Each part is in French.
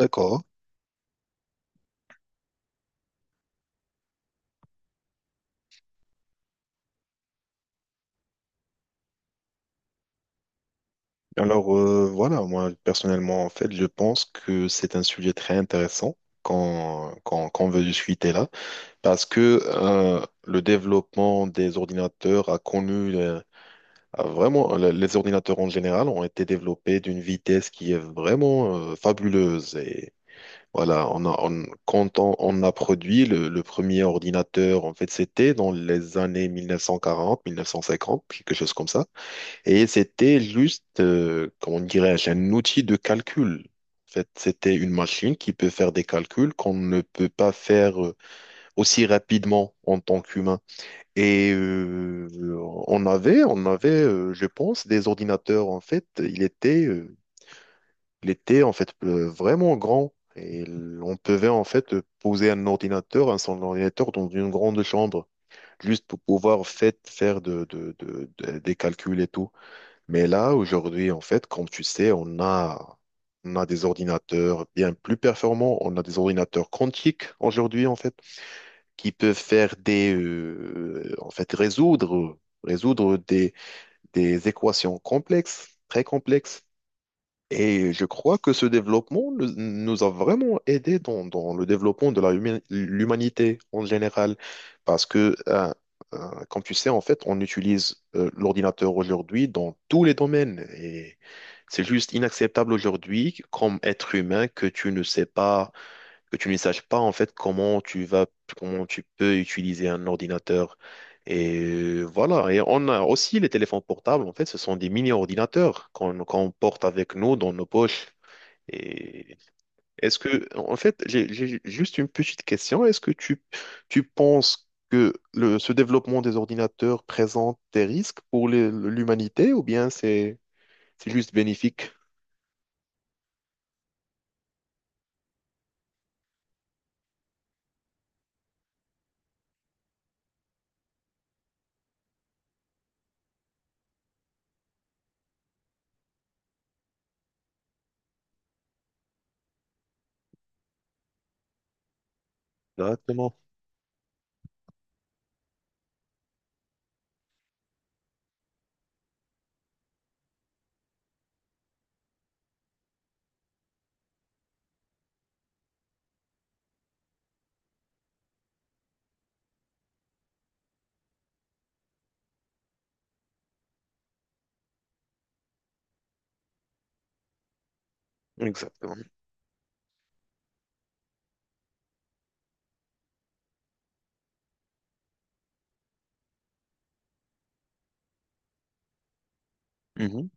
D'accord. Voilà, moi personnellement, en fait, je pense que c'est un sujet très intéressant quand on veut discuter là, parce que le développement des ordinateurs a connu, a vraiment, les ordinateurs en général ont été développés d'une vitesse qui est vraiment fabuleuse. Et voilà, quand on a produit le premier ordinateur, en fait, c'était dans les années 1940, 1950, quelque chose comme ça. Et c'était juste, comment dirais-je, un outil de calcul. En fait, c'était une machine qui peut faire des calculs qu'on ne peut pas faire aussi rapidement en tant qu'humain. Et euh, on avait, je pense, des ordinateurs. En fait, il était en fait vraiment grand. Et on pouvait en fait poser un ordinateur, un son ordinateur dans une grande chambre, juste pour pouvoir faire des calculs et tout. Mais là, aujourd'hui, en fait, comme tu sais, on a des ordinateurs bien plus performants. On a des ordinateurs quantiques aujourd'hui, en fait, qui peuvent faire résoudre, résoudre des, des équations complexes, très complexes. Et je crois que ce développement nous a vraiment aidé dans le développement de la l'humanité en général. Parce que, euh, comme tu sais, en fait, on utilise l'ordinateur aujourd'hui dans tous les domaines. Et c'est juste inacceptable aujourd'hui, comme être humain, que tu ne saches pas en fait comment tu peux utiliser un ordinateur. Et voilà. Et on a aussi les téléphones portables, en fait, ce sont des mini-ordinateurs qu'on qu'on porte avec nous dans nos poches. Et est-ce que, en fait, j'ai juste une petite question. Est-ce que tu penses que ce développement des ordinateurs présente des risques pour l'humanité ou bien c'est juste bénéfique? Exactement. Exactement. Mhm.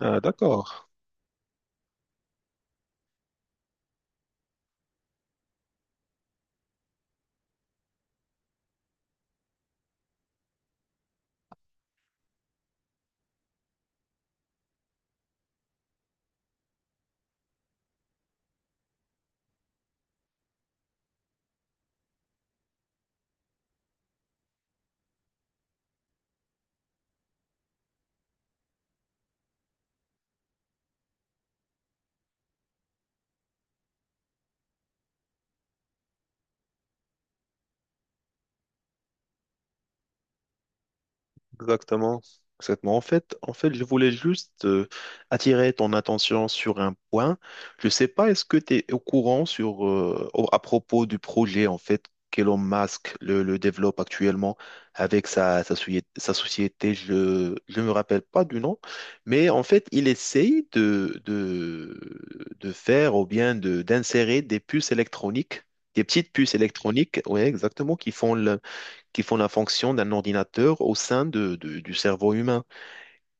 Ah, d'accord. Exactement. Exactement. En fait, je voulais juste attirer ton attention sur un point. Je ne sais pas, est-ce que tu es au courant à propos du projet en fait qu'Elon Musk le développe actuellement avec sa société. Je ne me rappelle pas du nom, mais en fait, il essaye de faire ou bien d'insérer des puces électroniques, des petites puces électroniques, ouais, exactement, qui font la fonction d'un ordinateur au sein du cerveau humain.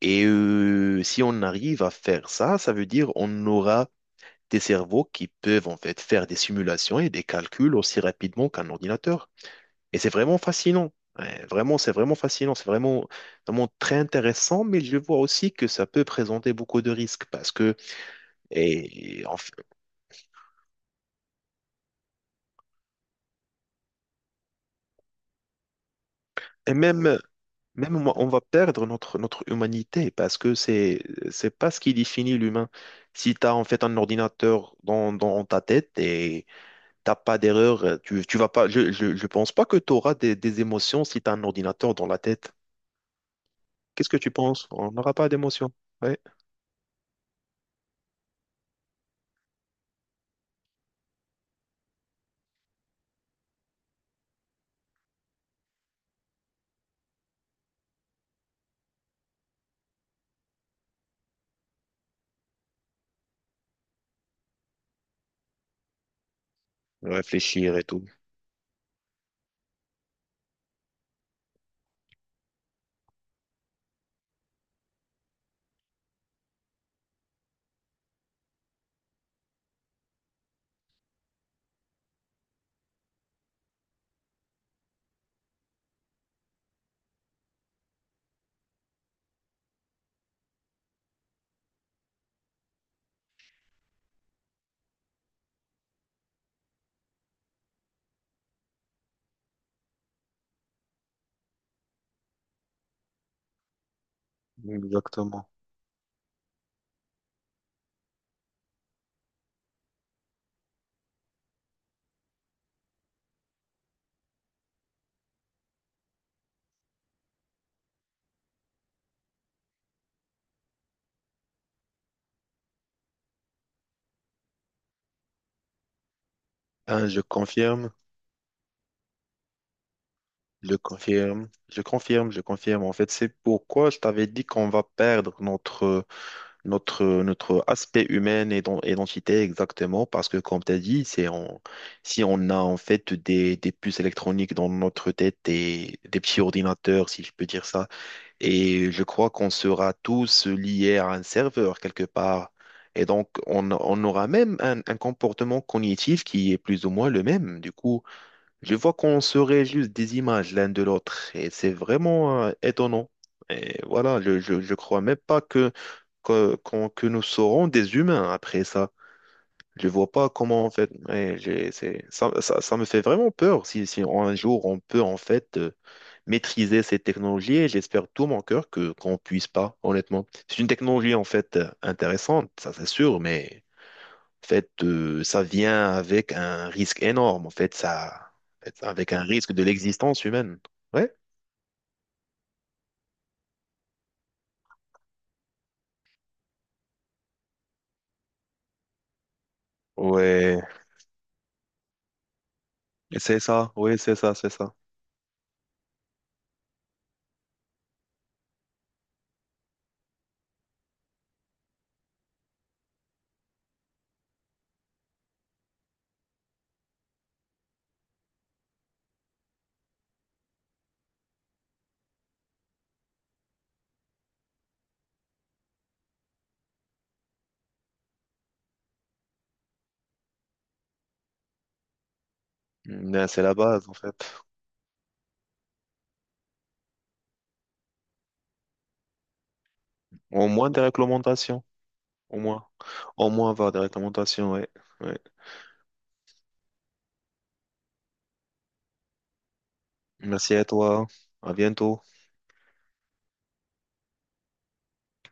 Et si on arrive à faire ça, ça veut dire on aura des cerveaux qui peuvent en fait faire des simulations et des calculs aussi rapidement qu'un ordinateur. Et c'est vraiment fascinant. Ouais, vraiment, c'est vraiment fascinant. C'est vraiment, vraiment très intéressant, mais je vois aussi que ça peut présenter beaucoup de risques parce que, et en f- et même, même moi, on va perdre notre humanité parce que c'est pas ce qui définit l'humain. Si tu as en fait un ordinateur dans ta tête et t'as pas d'erreur, tu vas pas, je pense pas que tu auras des émotions si tu as un ordinateur dans la tête. Qu'est-ce que tu penses? On n'aura pas d'émotions. Ouais. Réfléchir et tout. Exactement. Hein, je confirme. En fait, c'est pourquoi je t'avais dit qu'on va perdre notre aspect humain et identité exactement, parce que comme tu as dit, si on a en fait des puces électroniques dans notre tête et des petits ordinateurs, si je peux dire ça, et je crois qu'on sera tous liés à un serveur quelque part. Et donc, on aura même un comportement cognitif qui est plus ou moins le même. Du coup, je vois qu'on se réalise des images l'un de l'autre et c'est vraiment étonnant. Et voilà, je crois même pas que nous serons des humains après ça. Je vois pas comment en fait. Ouais, ça me fait vraiment peur si, si un jour on peut en fait maîtriser ces technologies et j'espère tout mon cœur que qu'on puisse pas, honnêtement. C'est une technologie en fait intéressante, ça c'est sûr, mais. En fait, ça vient avec un risque énorme, en fait, ça, avec un risque de l'existence humaine. Ouais, ouais, ouais, c'est ça, c'est ça. Mais c'est la base, en fait. Au moins des réglementations, au moins. Au moins avoir des réglementations, ouais. Ouais. Merci à toi, à bientôt.